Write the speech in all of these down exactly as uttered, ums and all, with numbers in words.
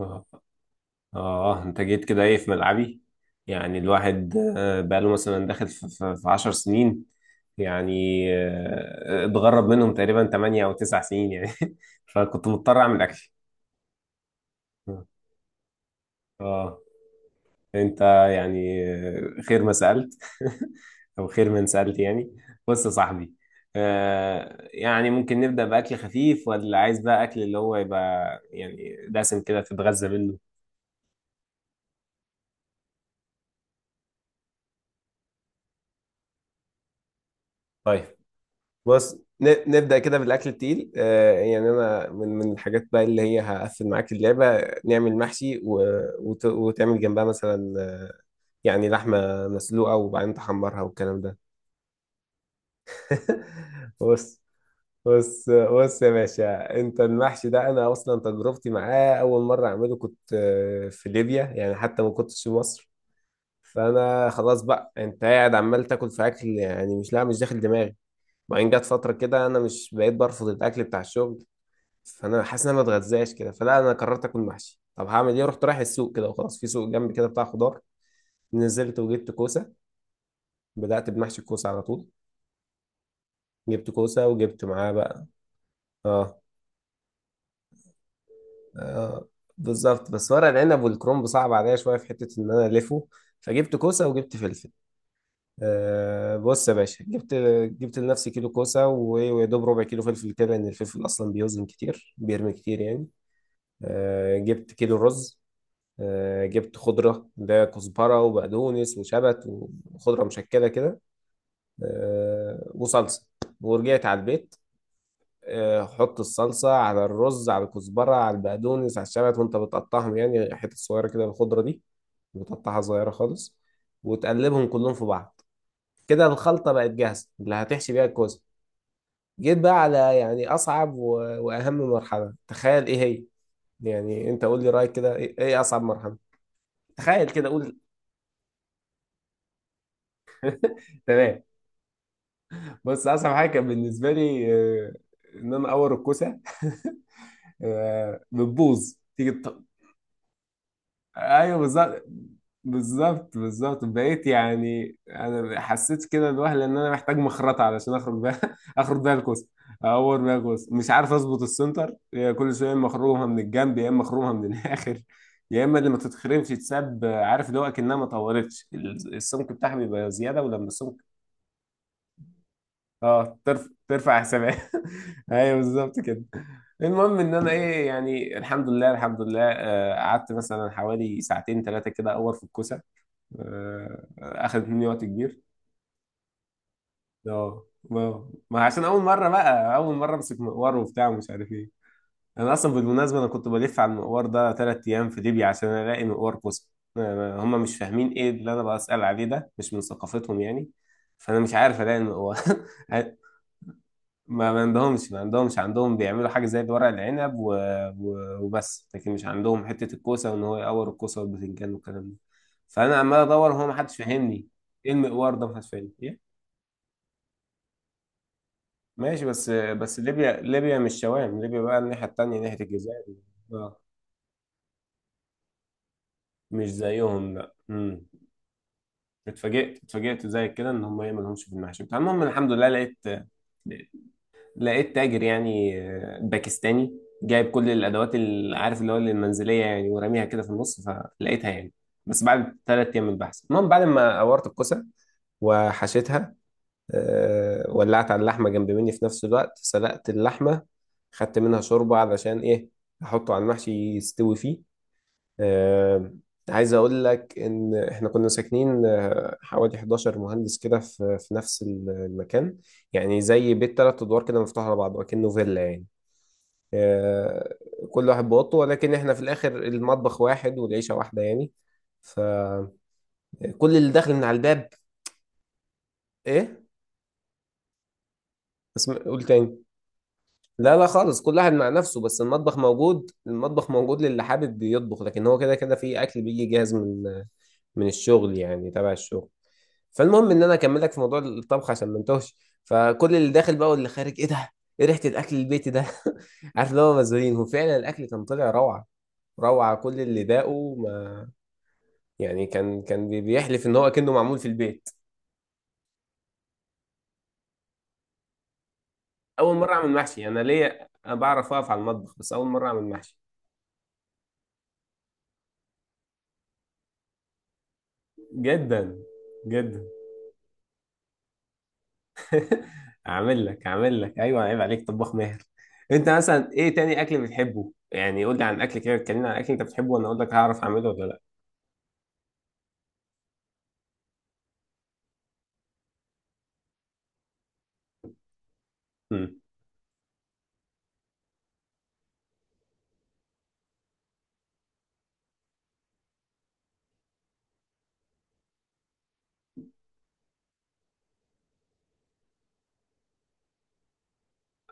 اه. آه، انت جيت كده ايه في ملعبي؟ يعني الواحد آه، بقاله مثلا داخل في في- في عشر سنين يعني. آه، اتغرب منهم تقريبا تمانية او تسع سنين يعني. فكنت مضطر اعمل اكل. اه. انت، يعني آه، خير ما سألت. او خير من سألت يعني. بص يا صاحبي، آه، يعني ممكن نبدأ بأكل خفيف ولا عايز بقى أكل اللي هو يبقى يعني دسم كده تتغذى منه؟ طيب، بص. ن- نبدأ كده بالأكل التقيل. آه، يعني أنا من من الحاجات بقى اللي هي هقفل معاك اللعبة، نعمل محشي و- وت- وتعمل جنبها مثلا، آه، يعني لحمة مسلوقة وبعدين تحمرها والكلام ده. بص، بص، بص يا باشا. أنت المحشي ده، أنا أصلا تجربتي معاه أول مرة أعمله كنت آه، في ليبيا، يعني حتى ما كنتش في مصر. فأنا خلاص بقى أنت قاعد عمال تاكل في أكل، يعني مش، لا مش داخل دماغي. بعدين جت فترة كده أنا مش بقيت برفض الأكل بتاع الشغل، فانا حاسس ان انا ما اتغذاش كده، فلا انا قررت اكل محشي. طب هعمل ايه؟ رحت رايح السوق كده وخلاص، في سوق جنبي كده بتاع خضار. نزلت وجبت كوسه. بدات بمحشي الكوسه على طول. جبت كوسه وجبت معاه بقى. اه، آه. بالظبط، بس ورق العنب والكرنب صعب عليا شويه، في حته ان انا الفه. فجبت كوسه وجبت فلفل. آه بص يا باشا، جبت جبت لنفسي كيلو كوسه و- ويا دوب ربع كيلو فلفل كده، لان الفلفل اصلا بيوزن كتير، بيرمي كتير يعني. آه جبت كيلو رز، آه، جبت خضرة اللي هي كزبرة وبقدونس وشبت وخضرة مشكلة كده، آه، وصلصة. ورجعت على البيت. آه، حط الصلصة على الرز، على الكزبرة، على البقدونس، على الشبت، وانت بتقطعهم يعني حتت صغيرة كده. الخضرة دي بتقطعها صغيرة خالص، وتقلبهم كلهم في بعض. كده الخلطة بقت جاهزة اللي هتحشي بيها الكوسة. جيت بقى على يعني أصعب و... وأهم مرحلة، تخيل إيه هي. يعني أنت قول لي رأيك كده، إيه إيه أصعب مرحلة؟ تخيل كده قول. تمام. بص، اصعب حاجه كان بالنسبه لي، آه، ان انا اور الكوسه. آه، بتبوظ، تيجي تط... ايوه، بالظبط، بالظبط، بالظبط. بقيت يعني انا حسيت كده الوهله ان انا محتاج مخرطه علشان اخرج بيها اخرج بيها الكوسه. اور بيها الكوسه، مش عارف اظبط السنتر هي، كل شويه يا اما اخرمها من الجنب يا اما اخرمها من الاخر. يا اما اللي ما تتخرمش تتساب، عارف اللي هو اكنها ما طورتش، ال- السمك بتاعها بيبقى زياده، ولما السمك اه، ترف... ترفع حسابات. ايوه بالظبط كده. المهم ان انا ايه يعني، الحمد لله، الحمد لله، آه، قعدت مثلا حوالي ساعتين ثلاثه كده اور في الكوسه. آه، اخدت مني وقت كبير. اه، ما ما عشان اول مره بقى اول مره امسك مقوار وبتاع، ومش عارف ايه. انا اصلا بالمناسبه انا كنت بلف على المقوار ده ثلاث ايام في ليبيا عشان الاقي مقوار كوسه. أنا- هم مش فاهمين ايه اللي انا بسال عليه، ده مش من ثقافتهم يعني، فانا مش عارف الاقي المقوار. ما ما عندهمش، ما عندهمش. عندهم بيعملوا حاجة زي ورق العنب و... و... وبس، لكن مش عندهم حتة الكوسة، وإن هو يقور الكوسة والبتنجان والكلام ده. فأنا عمال أدور، هو محدش فاهمني. إيه المقوار ده؟ محدش فاهمني إيه؟ ماشي. بس بس ليبيا، ليبيا مش شوام، ليبيا بقى الناحية التانية، ناحية الجزائر. آه، مش زيهم لا، امم اتفاجئت، اتفاجئت زي كده إن هم إيه مالهمش في المحشي بتاع. المهم الحمد لله لقيت لقيت تاجر يعني، آه، باكستاني جايب كل الادوات اللي عارف اللي هو المنزليه يعني، وراميها كده في النص، فلقيتها يعني. بس بعد ثلاث ايام من البحث. المهم بعد ما قورت الكوسه وحشيتها، آه، ولعت على اللحمه جنب مني، في نفس الوقت سلقت اللحمه، خدت منها شوربه علشان ايه، احطه على المحشي يستوي فيه. آه، عايز اقول لك ان احنا كنا ساكنين، آه، حوالي حداشر مهندس كده في في نفس المكان، يعني زي بيت ثلاث ادوار كده مفتوح على بعض وكأنه فيلا يعني. آه، كل واحد بأوضته، ولكن احنا في الاخر المطبخ واحد والعيشة واحدة يعني. فكل اللي داخل من على الباب. ايه، بس قول تاني. لا، لا، خالص. كل واحد مع نفسه، بس المطبخ موجود، المطبخ موجود للي حابب يطبخ، لكن هو كده كده في اكل بيجي جاهز من من الشغل يعني، تبع الشغل. فالمهم ان انا اكمل لك في موضوع الطبخ عشان ما انتهش. فكل اللي داخل بقى واللي خارج: ايه ده؟ ايه ريحه الاكل البيتي ده؟ عارف اللي هو مزارين. وفعلا الاكل كان طلع روعه، روعه. كل اللي داقه، ما يعني كان كان بي- بيحلف ان هو كأنه معمول في البيت. اول مره اعمل محشي. انا ليا، أنا بعرف اقف على المطبخ، بس اول مره اعمل محشي. جدا، جدا. اعمل لك، اعمل لك، ايوه، عيب عليك، طباخ ماهر. انت مثلا ايه تاني اكل بتحبه؟ يعني قول لي عن اكل كده، اتكلمنا عن اكل انت بتحبه وانا اقول لك هعرف اعمله ولا. لا،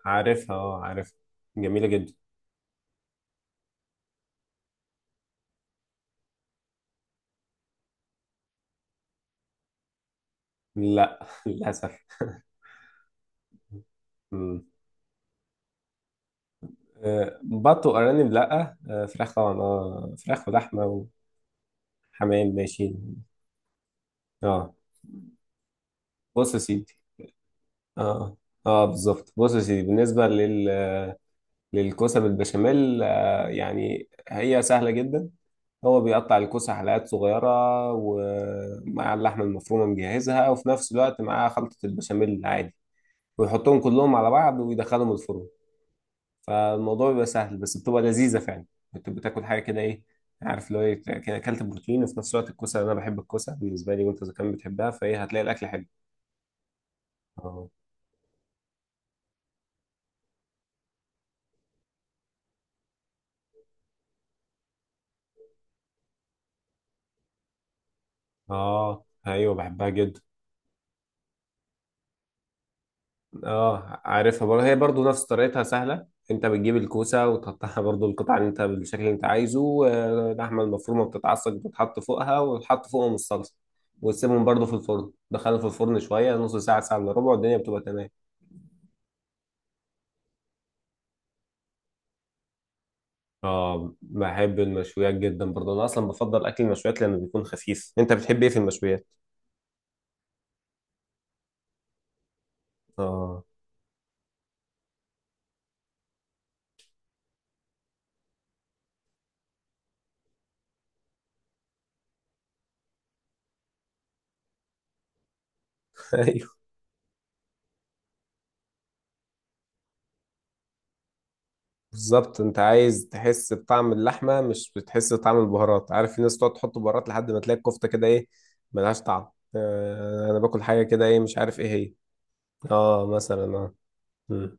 عارفها، اه عارفها. جميلة جدا. لا، للأسف. مم. آه، بط وأرانب لا، آه، فراخ طبعا، اه، فراخ ولحمة. وحمام ماشي. اه. بص يا سيدي. اه، اه، بالظبط. بص يا سيدي، بالنسبة لل للكوسة بالبشاميل، آه، يعني هي سهلة جدا. هو بيقطع الكوسة حلقات صغيرة، ومع اللحمة المفرومة مجهزها، وفي نفس الوقت معاه خلطة البشاميل العادي، ويحطهم كلهم على بعض ويدخلهم الفرن. فالموضوع بيبقى سهل، بس بتبقى لذيذه فعلا. بتبقى بتاكل حاجه كده ايه، عارف اللي هو ايه، كده اكلت بروتين وفي نفس الوقت الكوسه. انا بحب الكوسه بالنسبه لي، وانت اذا كان بتحبها فايه هتلاقي الاكل حلو. اه، اه، ايوه، بحبها جدا. اه، عارفها برضه، هي برضه نفس طريقتها سهله. انت بتجيب الكوسه وتقطعها برضه القطع اللي انت بالشكل اللي انت عايزه، آه، اللحمه المفرومه بتتعصج بتتحط فوقها، وتحط فوقهم الصلصه، وتسيبهم برضه في الفرن. دخلهم في الفرن شويه، نص ساعه، ساعه الا ربع، الدنيا بتبقى تمام. اه، بحب المشويات جدا برضه. انا اصلا بفضل اكل المشويات لانه بيكون خفيف. انت بتحب ايه في المشويات؟ اه. ايوه بالظبط. انت عايز تحس بطعم اللحمه، مش بتحس بطعم البهارات. عارف، في ناس تقعد تحط بهارات لحد ما تلاقي الكفته كده ايه، ملهاش طعم. آه انا باكل حاجه كده ايه، مش عارف ايه هي. اه مثلا، اه. مم.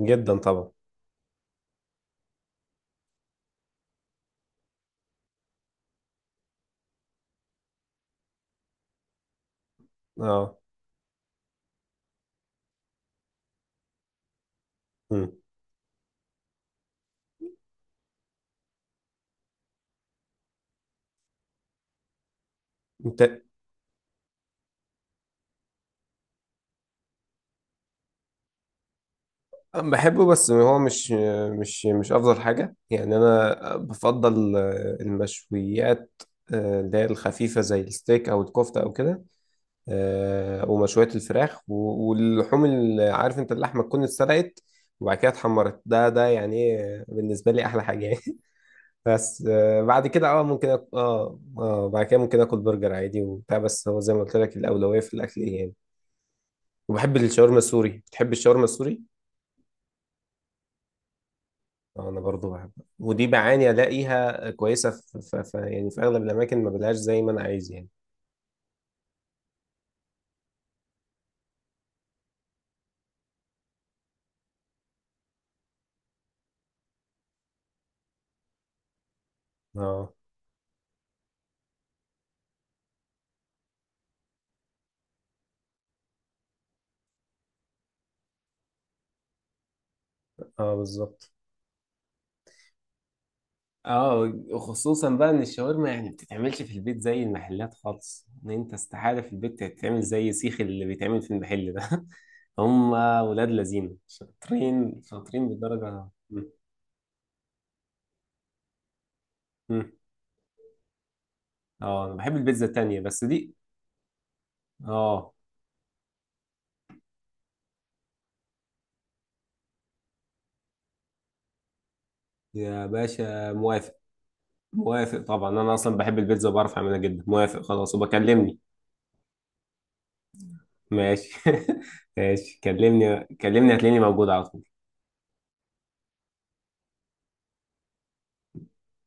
جدا طبعا. اه. مم. انت أنا بحبه بس هو مش، مش مش افضل حاجه يعني. انا بفضل آه، المشويات، آه، اللي هي الخفيفه زي الستيك او الكفته او كده، آه، ومشويات الفراخ و- واللحوم اللي عارف، انت اللحمه تكون اتسلقت وبعد كده اتحمرت. ده ده يعني، آه، بالنسبه لي احلى حاجه يعني. بس آه، بعد كده اه ممكن أك... اه، اه، بعد كده ممكن اكل برجر عادي وبتاع، بس هو زي ما قلت لك، الاولويه في الاكل ايه يعني. وبحب الشاورما السوري. بتحب الشاورما السوري؟ آه، انا برضو بحب. ودي بعاني الاقيها كويسه في, في, في يعني، في اغلب الاماكن ما بلاقيهاش زي ما انا عايز يعني. اه، اه، بالظبط. اه. خصوصا بقى ان الشاورما يعني ما بتتعملش في البيت زي المحلات خالص، ان انت استحالة في البيت تتعمل زي سيخ اللي بيتعمل في المحل ده. هم، ولاد لذين شاطرين، شاطرين بالدرجة م- م. اه، انا بحب البيتزا التانية بس دي. اه، يا باشا موافق. موافق طبعا، انا اصلا بحب البيتزا وبعرف اعملها جدا. موافق خلاص، وبكلمني. ماشي. ماشي. كلمني، كلمني هتلاقيني موجود على طول.